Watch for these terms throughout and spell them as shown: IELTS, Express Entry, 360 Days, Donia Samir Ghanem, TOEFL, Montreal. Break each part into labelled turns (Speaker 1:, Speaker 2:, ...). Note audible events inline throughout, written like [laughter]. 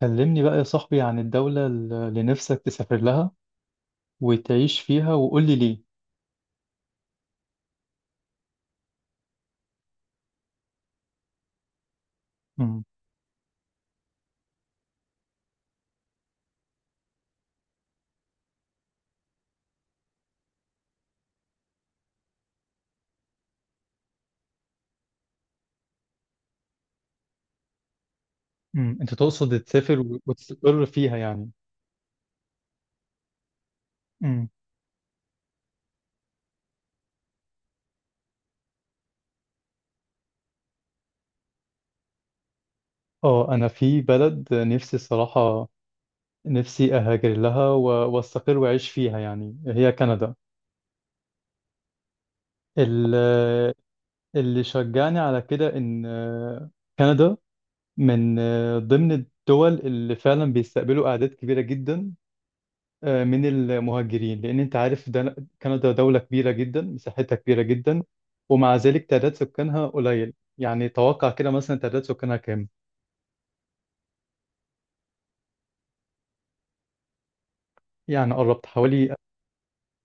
Speaker 1: كلمني بقى يا صاحبي عن الدولة اللي نفسك تسافر لها وتعيش فيها وقول لي ليه. مم. مم. انت تقصد تسافر و- وتستقر فيها يعني. مم. اه، انا في بلد نفسي الصراحة، نفسي اهاجر لها واستقر واعيش فيها، يعني هي كندا. ال- اللي شجعني على كده ان كندا من ضمن الدول اللي فعلا بيستقبلوا اعداد كبيرة جدا من المهاجرين. لأن أنت عارف ده كندا دولة كبيرة جدا، مساحتها كبيرة جدا، ومع ذلك تعداد سكانها قليل. يعني توقع كده مثلا، تعداد سكانها كام؟ يعني قربت حوالي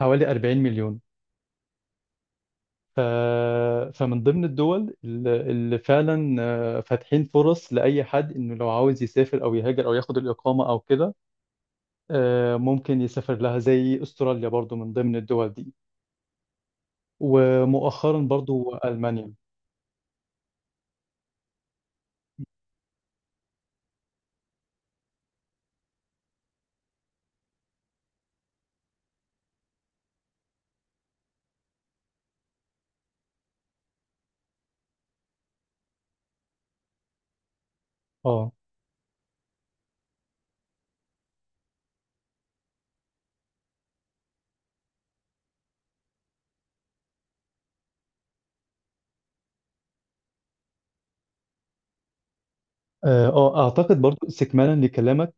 Speaker 1: حوالي 40 مليون. ف... فمن ضمن الدول اللي فعلا فاتحين فرص لأي حد، إنه لو عاوز يسافر أو يهاجر أو ياخد الإقامة أو كده، ممكن يسافر لها، زي أستراليا برضو من ضمن الدول دي، ومؤخرا برضو ألمانيا. اه، اه، اعتقد برضو استكمالا لكلامك.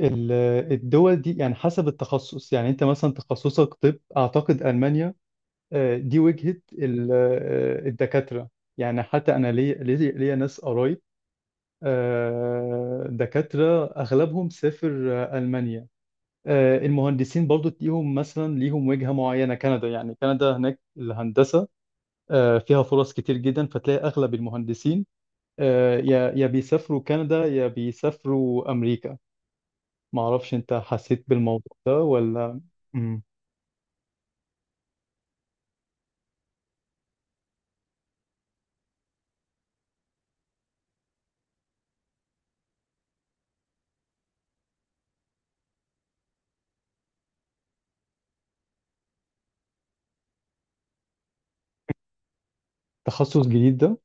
Speaker 1: ال- الدول دي يعني حسب التخصص، يعني انت مثلا تخصصك طب، اعتقد المانيا دي وجهة الدكاترة. يعني حتى انا، ليا ناس قرايب دكاترة اغلبهم سافر المانيا. المهندسين برضو ليهم مثلا، ليهم وجهة معينة كندا. يعني كندا هناك الهندسة فيها فرص كتير جدا، فتلاقي اغلب المهندسين يا بيسافروا كندا يا بيسافروا امريكا. ما اعرفش انت حسيت بالموضوع ده ولا؟ مم. تخصص جديد ده.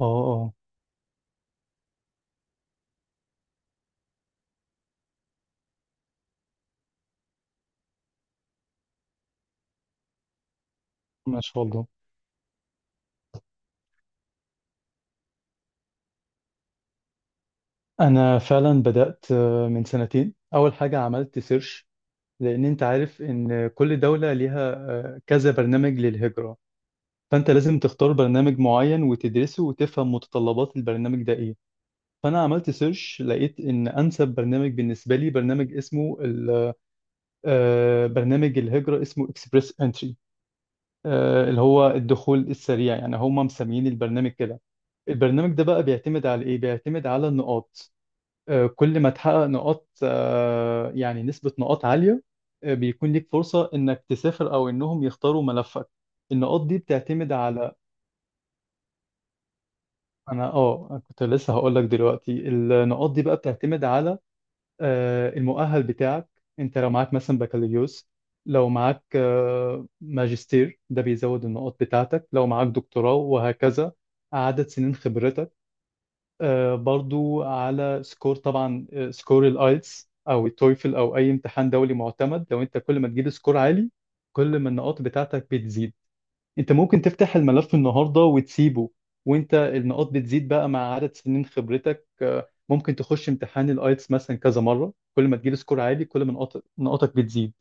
Speaker 1: اه، اه، ما شاء الله. انا فعلا بدأت من سنتين، اول حاجة عملت سيرش. لان انت عارف ان كل دولة ليها كذا برنامج للهجرة. فانت لازم تختار برنامج معين وتدرسه وتفهم متطلبات البرنامج ده ايه. فانا عملت سيرش، لقيت ان انسب برنامج بالنسبة لي، برنامج اسمه برنامج الهجرة اسمه اكسبريس انتري، اللي هو الدخول السريع، يعني هم مسميين البرنامج كده. البرنامج ده بقى بيعتمد على ايه؟ بيعتمد على النقاط. كل ما تحقق نقاط، يعني نسبة نقاط عالية، بيكون ليك فرصة انك تسافر او انهم يختاروا ملفك. النقاط دي بتعتمد على، انا كنت لسه هقول لك دلوقتي، النقاط دي بقى بتعتمد على المؤهل بتاعك. انت لو معاك مثلا بكالوريوس، لو معاك ماجستير ده بيزود النقاط بتاعتك، لو معاك دكتوراه وهكذا. عدد سنين خبرتك برضو، على سكور طبعا، سكور الايلتس او التويفل او اي امتحان دولي معتمد. لو انت كل ما تجيب سكور عالي، كل ما النقاط بتاعتك بتزيد. انت ممكن تفتح الملف النهارده وتسيبه وانت النقاط بتزيد بقى مع عدد سنين خبرتك. ممكن تخش امتحان الايتس مثلا كذا مره، كل ما تجيب سكور عالي، كل ما نقاطك بتزيد.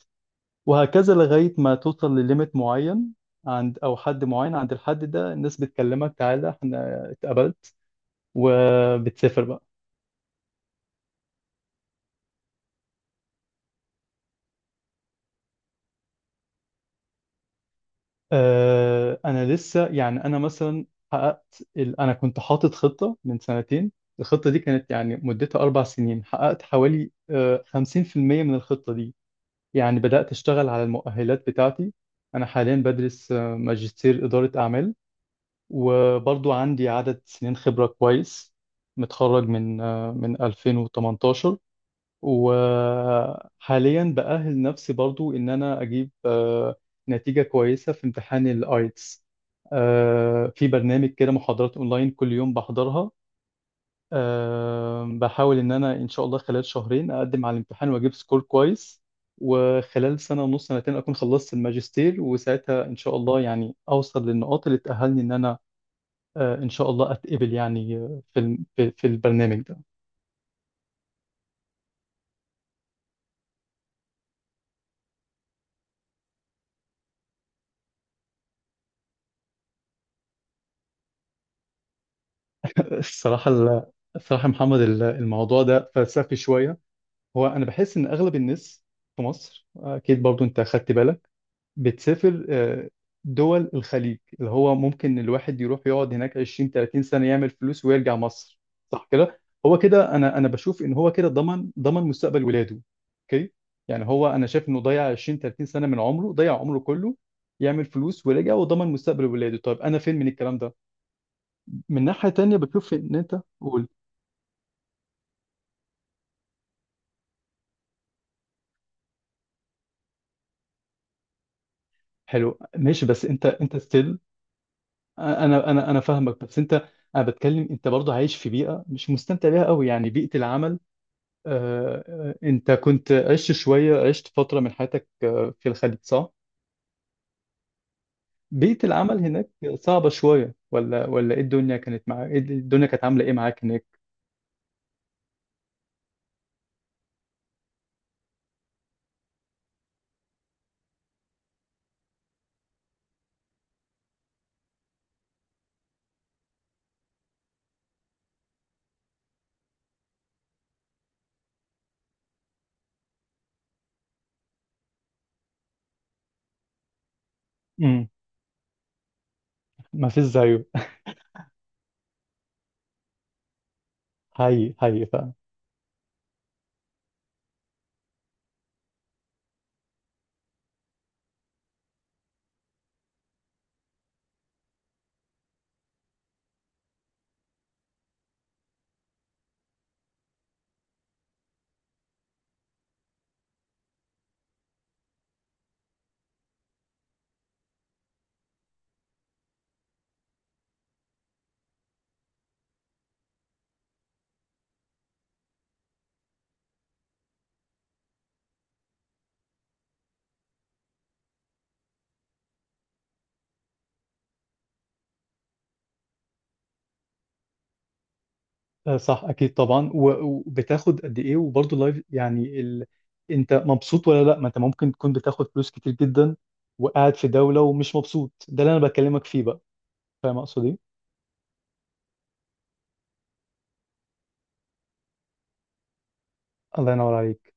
Speaker 1: وهكذا لغايه ما توصل لليميت معين، عند او حد معين. عند الحد ده الناس بتكلمك تعالى احنا اتقبلت، وبتسافر بقى. انا لسه يعني، انا مثلا حققت انا كنت حاطط خطه من سنتين، الخطه دي كانت يعني مدتها 4 سنين، حققت حوالي 50% من الخطه دي. يعني بدات اشتغل على المؤهلات بتاعتي. انا حاليا بدرس ماجستير اداره اعمال، وبرضو عندي عدد سنين خبره كويس. متخرج من 2018. وحاليا بأهل نفسي برضو إن أنا أجيب نتيجة كويسة في امتحان الآيتس. في برنامج كده محاضرات أونلاين كل يوم بحضرها. بحاول إن أنا إن شاء الله خلال شهرين أقدم على الامتحان وأجيب سكور كويس، وخلال سنة ونص سنتين أكون خلصت الماجستير، وساعتها إن شاء الله يعني أوصل للنقاط اللي تأهلني إن أنا إن شاء الله أتقبل يعني في في البرنامج ده. الصراحة، الصراحة يا محمد، الموضوع ده فلسفي شوية. هو أنا بحس إن أغلب الناس في مصر، أكيد برضو أنت أخدت بالك، بتسافر دول الخليج، اللي هو ممكن الواحد يروح يقعد هناك 20 30 سنة، يعمل فلوس ويرجع مصر. صح كده؟ هو كده أنا بشوف إن هو كده ضمن مستقبل ولاده. أوكي؟ يعني هو أنا شايف إنه ضيع 20 30 سنة من عمره، ضيع عمره كله يعمل فلوس ورجع وضمن مستقبل ولاده. طيب أنا فين من الكلام ده؟ من ناحية تانية بشوف إن أنت قول. حلو ماشي، بس انت ستيل. انا فاهمك، بس انت انا بتكلم، انت برضه عايش في بيئه مش مستمتع بيها قوي، يعني بيئه العمل. انت كنت عشت شويه، عشت فتره من حياتك في الخليج صح؟ بيئه العمل هناك صعبه شويه ولا، ايه الدنيا كانت معاك، الدنيا كانت عامله ايه معاك هناك؟ امم. ما فيش زيه. هاي هاي. صح اكيد طبعا، وبتاخد قد ايه وبرضه لايف، يعني انت مبسوط ولا لا. ما انت ممكن تكون بتاخد فلوس كتير جدا وقاعد في دولة ومش مبسوط. ده اللي انا بكلمك فيه بقى. فاهم اقصد ايه؟ الله ينور عليك.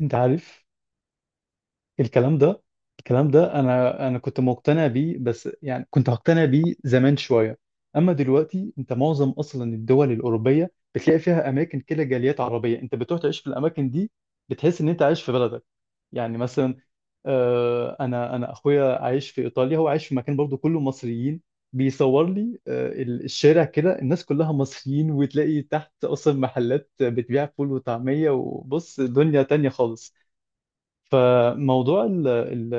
Speaker 1: انت عارف الكلام ده. الكلام ده انا كنت مقتنع بيه، بس يعني كنت هقتنع بيه زمان شوية. اما دلوقتي انت معظم اصلا الدول الاوروبية بتلاقي فيها اماكن كده جاليات عربية. انت بتروح تعيش في الاماكن دي، بتحس ان انت عايش في بلدك. يعني مثلا انا اخويا عايش في ايطاليا، هو عايش في مكان برضو كله مصريين. بيصور لي الشارع كده الناس كلها مصريين، وتلاقي تحت اصلا محلات بتبيع فول وطعمية. وبص دنيا تانية خالص. فموضوع ال ال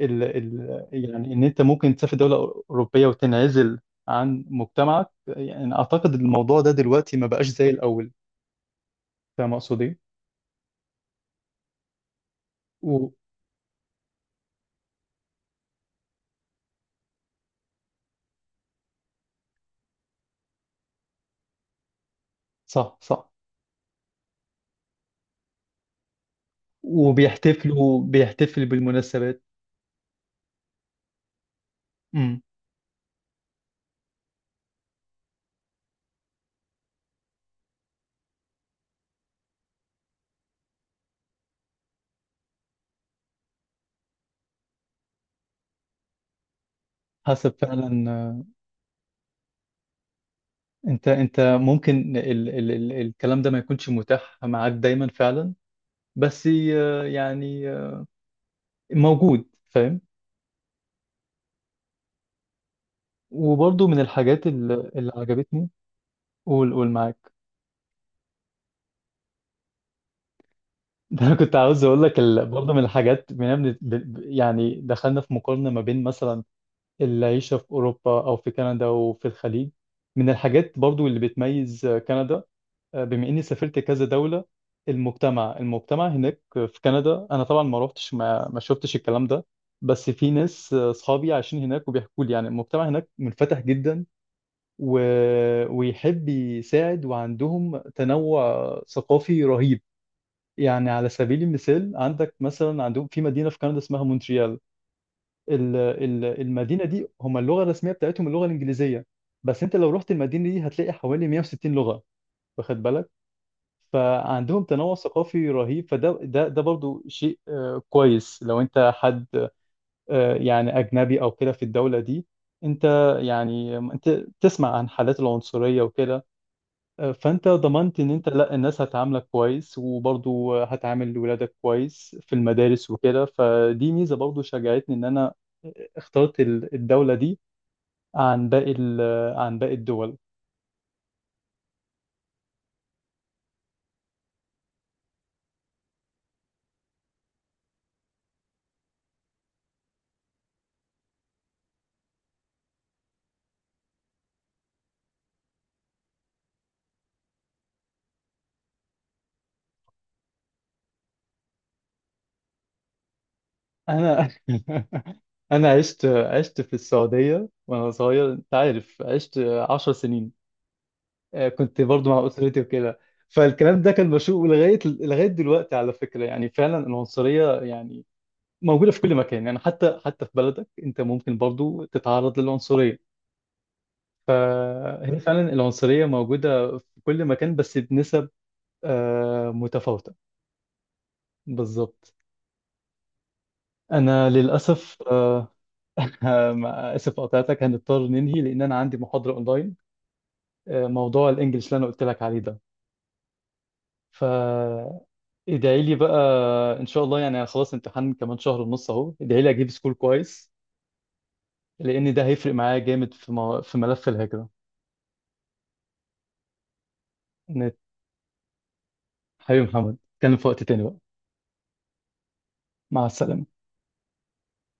Speaker 1: ال ال يعني ان انت ممكن تسافر دولة اوروبية وتنعزل عن مجتمعك، يعني اعتقد الموضوع ده دلوقتي ما بقاش زي الاول. فاهم اقصد ايه؟ و- صح، صح. بيحتفل بالمناسبات. امم. حسب فعلا، انت ممكن ال ال ال الكلام ده ما يكونش متاح معاك دايما فعلا. بس يعني موجود، فاهم. وبرضه من الحاجات اللي عجبتني. قول قول معاك. [laughs] ده انا كنت عاوز اقول لك، برضه من الحاجات، بما إن يعني دخلنا في مقارنة ما بين مثلا العيشة في اوروبا او في كندا وفي الخليج، من الحاجات برضه اللي بتميز كندا، بما اني سافرت كذا دولة، المجتمع، هناك في كندا، انا طبعا ما روحتش، ما شفتش الكلام ده. بس في ناس اصحابي عايشين هناك وبيحكوا لي يعني المجتمع هناك منفتح جدا و... ويحب يساعد، وعندهم تنوع ثقافي رهيب. يعني على سبيل المثال، عندك مثلا، عندهم في مدينة في كندا اسمها مونتريال. المدينة دي هم اللغة الرسمية بتاعتهم اللغة الإنجليزية، بس انت لو رحت المدينة دي هتلاقي حوالي 160 لغة. واخد بالك؟ فعندهم تنوع ثقافي رهيب. فده ده ده برضو شيء كويس لو انت حد يعني اجنبي او كده في الدولة دي. انت، يعني انت تسمع عن حالات العنصرية وكده، فانت ضمنت ان انت لا، الناس هتعاملك كويس، وبرضو هتعامل ولادك كويس في المدارس وكده. فدي ميزة برضو شجعتني ان انا اخترت الدولة دي عن باقي عن باقي الدول. انا [laughs] انا عشت في السعوديه وانا صغير، انت عارف، عشت 10 سنين. كنت برضو مع اسرتي وكده. فالكلام ده كان مشوق لغايه دلوقتي، على فكره. يعني فعلا العنصريه يعني موجوده في كل مكان، يعني حتى في بلدك انت ممكن برضو تتعرض للعنصريه. هي فعلا العنصريه موجوده في كل مكان بس بنسب متفاوته. بالظبط. انا للاسف، [laughs] اسف قطعتك، هنضطر ننهي لان انا عندي محاضره اونلاين، موضوع الانجليش اللي انا قلت لك عليه ده. فادعي لي بقى، ان شاء الله. يعني أنا خلاص امتحان كمان شهر ونص اهو، ادعي لي اجيب سكور كويس، لان ده هيفرق معايا جامد في في ملف الهجرة. إن- حبيبي محمد، اتكلم في وقت تاني بقى. مع السلامة.